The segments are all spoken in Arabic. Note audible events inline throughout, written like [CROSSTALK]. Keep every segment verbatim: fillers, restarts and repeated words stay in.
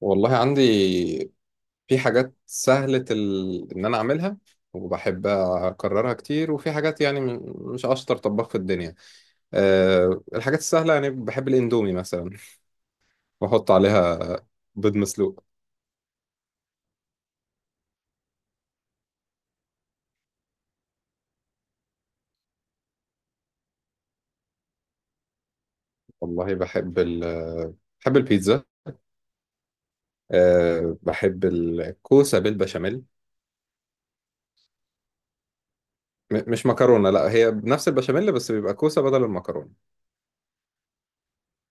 والله عندي في حاجات سهلة ال... إن أنا أعملها وبحب أكررها كتير، وفي حاجات يعني م- مش أشطر طباخ في الدنيا. أه، الحاجات السهلة يعني بحب الإندومي مثلا وأحط عليها بيض مسلوق. والله بحب ال... بحب البيتزا. أه بحب الكوسة بالبشاميل. م... مش مكرونة، لا، هي بنفس البشاميل بس بيبقى كوسة بدل المكرونة.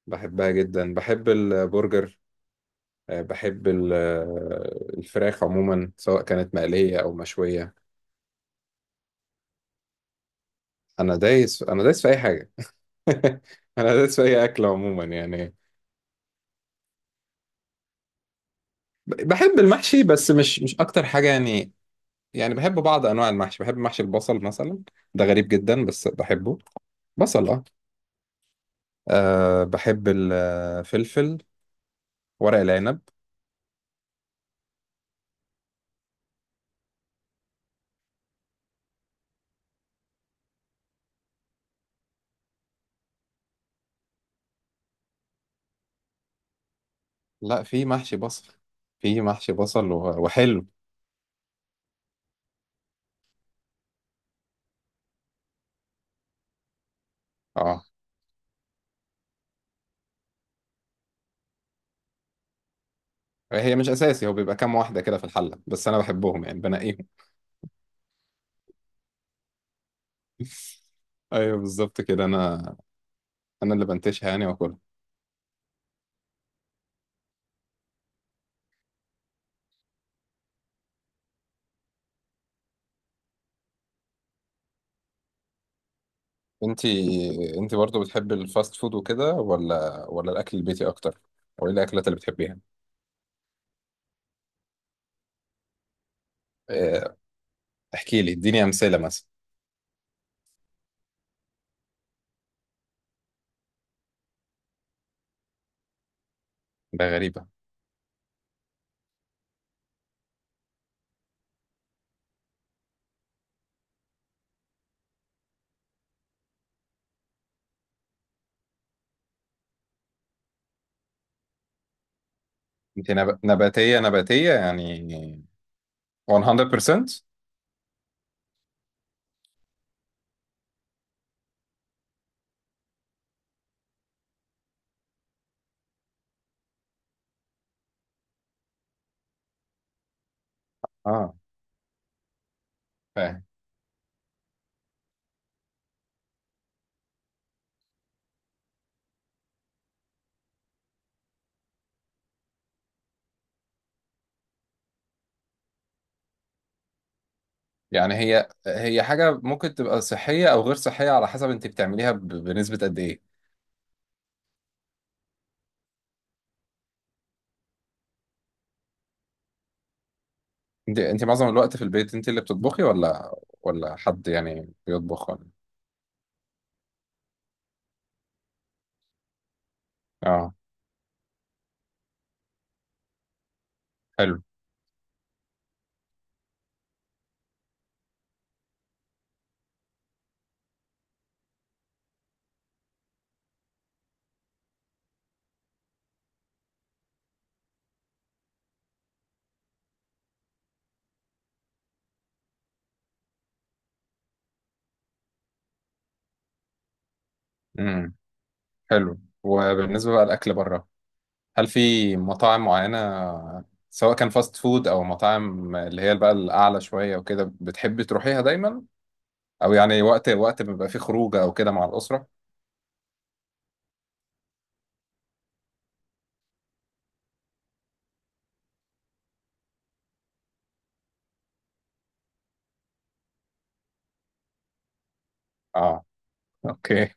بحبها جدا. بحب البرجر. أه بحب ال- الفراخ عموما سواء كانت مقلية أو مشوية. انا دايس، انا دايس في اي حاجه. [LAUGHS] انا دايس في اي اكل عموما يعني. ب- بحب المحشي بس مش مش اكتر حاجه يعني. يعني بحب بعض انواع المحشي، بحب محشي البصل مثلا. ده غريب جدا بس بحبه. بصل، اه. أه بحب الفلفل، ورق العنب. لا، في محشي بصل. في محشي بصل و- وحلو. اه، هي مش اساسي، هو بيبقى كام واحده كده في الحله بس انا بحبهم يعني بنقيهم. [LAUGHS] ايوه بالظبط كده. انا انا اللي بنتشها يعني واكلها. انت، انت برضه بتحبي الفاست فود وكده، ولا ولا الاكل البيتي اكتر؟ او ايه الاكلات اللي بتحبيها؟ اه، احكي لي، اديني امثله مثلا. ده غريبه. انت نب... نباتيه؟ نباتيه يعني مية في المية؟ اه فاهم. يعني هي، هي حاجه ممكن تبقى صحيه او غير صحيه على حسب انت بتعمليها ب... بنسبه قد ايه. انت، انت معظم الوقت في البيت انت اللي بتطبخي، ولا ولا حد يعني بيطبخ؟ ولا اه. حلو. امم. حلو. وبالنسبه بقى الاكل بره، هل في مطاعم معينة، سواء كان فاست فود أو مطاعم اللي هي بقى الأعلى شوية وكده بتحبي تروحيها دايما؟ أو يعني وقت، وقت بيبقى فيه خروجة أو كده مع الأسرة؟ آه. أوكي.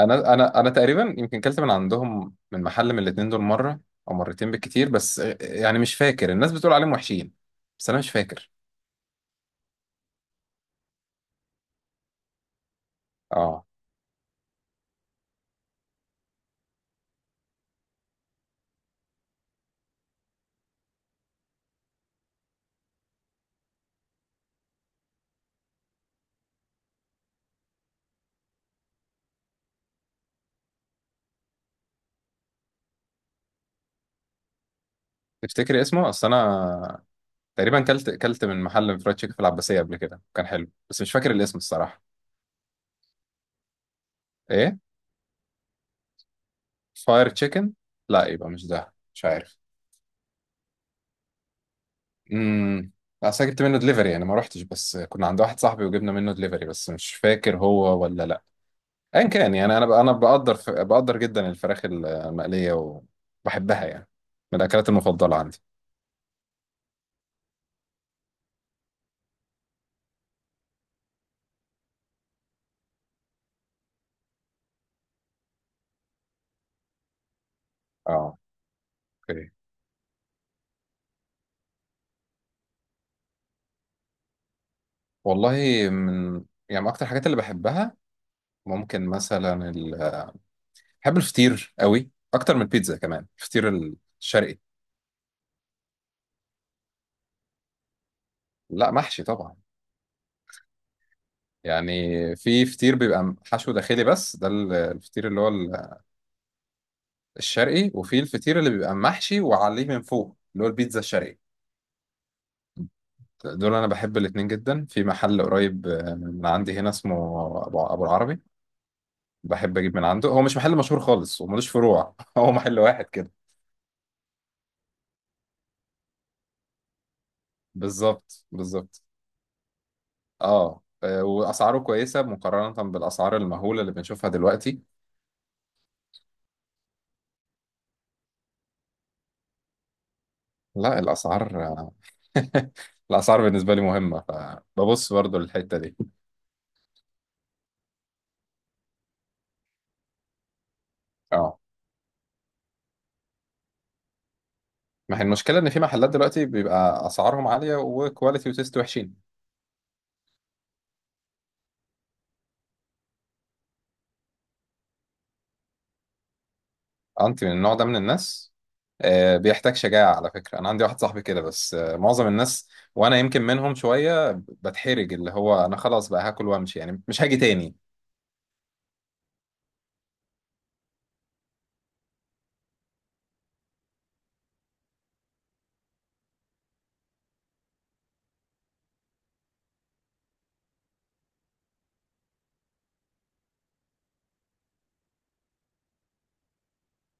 أنا أنا أنا تقريبا يمكن كلت من عندهم، من محل من الاتنين دول مرة أو مرتين بالكتير، بس يعني مش فاكر. الناس بتقول عليهم وحشين بس أنا مش فاكر. آه. تفتكري اسمه؟ أصل أنا تقريبا كلت كلت من محل فرايد تشيكن في العباسية قبل كده، كان حلو بس مش فاكر الاسم الصراحة. إيه؟ فاير تشيكن؟ لا يبقى مش ده، مش عارف. امم. اصل أنا جبت منه دليفري يعني، ما روحتش، بس كنا عند واحد صاحبي وجبنا منه دليفري، بس مش فاكر هو ولا لا. ايا كان يعني، انا ب- انا بقدر ف... بقدر جدا الفراخ المقليه وبحبها يعني، من الاكلات المفضله عندي. اه. اوكي. والله من يعني، من اكتر الحاجات اللي بحبها، ممكن مثلا ال... بحب الفطير قوي اكتر من البيتزا. كمان الفطير الشرقي. لا محشي طبعا. يعني في فطير بيبقى حشو داخلي بس، ده ال- الفطير اللي هو ال- الشرقي، وفي الفطير اللي بيبقى محشي وعليه من فوق، اللي هو البيتزا الشرقي. دول انا بحب الاتنين جدا. في محل قريب من عندي هنا اسمه ابو، أبو العربي. بحب اجيب من عنده. هو مش محل مشهور خالص وملوش فروع. [LAUGHS] هو محل واحد كده. بالظبط، بالظبط. اه. آه، واسعاره كويسه مقارنه بالاسعار المهوله اللي بنشوفها دلوقتي. لا الاسعار، [LAUGHS] الاسعار بالنسبه لي مهمه، فببص برضو للحته دي. اه، ما هي المشكلة إن في محلات دلوقتي بيبقى أسعارهم عالية وكواليتي وتيست وحشين. أنت من النوع ده من الناس؟ آه، بيحتاج شجاعة على فكرة. أنا عندي واحد صاحبي كده بس آه، معظم الناس، وأنا يمكن منهم شوية، بتحرج، اللي هو أنا خلاص بقى هاكل وأمشي يعني، مش هاجي تاني.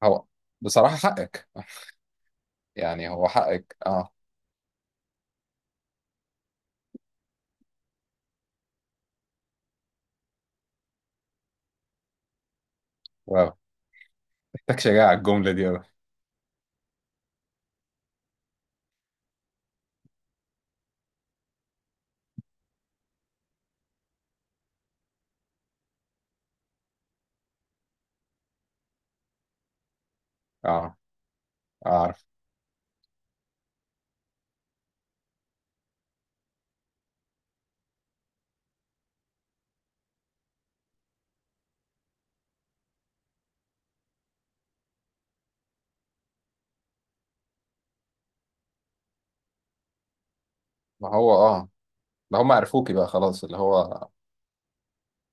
هو بصراحة حقك. [LAUGHS] يعني هو حقك، أه. واو، محتاج شجاعة الجملة دي أوي. أه، أعرف. ما هو أه، ما هم عرفوكي بقى خلاص اللي هو،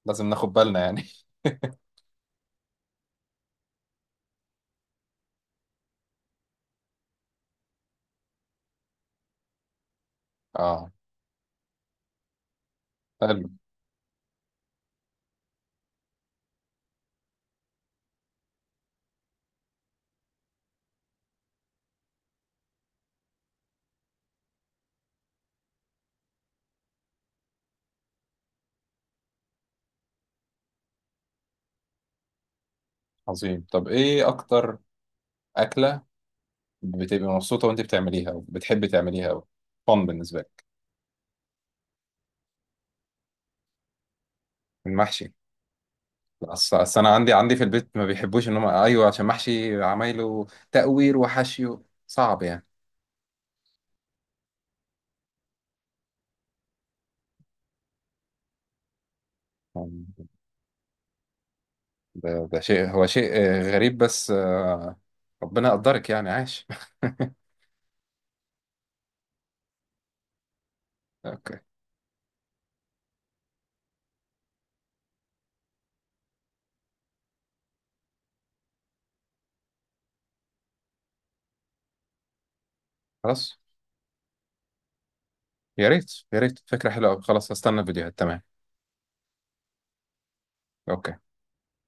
لازم ناخد بالنا يعني. [LAUGHS] أه. حلو. عظيم. طب إيه أكتر أكلة بتبقي مبسوطة وأنت بتعمليها وبتحبي تعمليها أوي، فن بالنسبة لك؟ المحشي؟ أصل، أصل أنا عندي، عندي في البيت ما بيحبوش إن هم أيوه عشان محشي، عمايله تقوير وحشيه صعب يعني. ده، ده شيء، هو شيء آه، غريب بس آه، ربنا يقدرك يعني، عاش. [LAUGHS] أوكي. خلاص، يا ريت يا ريت، فكرة حلوة أوي، خلاص هستنى الفيديوهات، تمام. أوكي.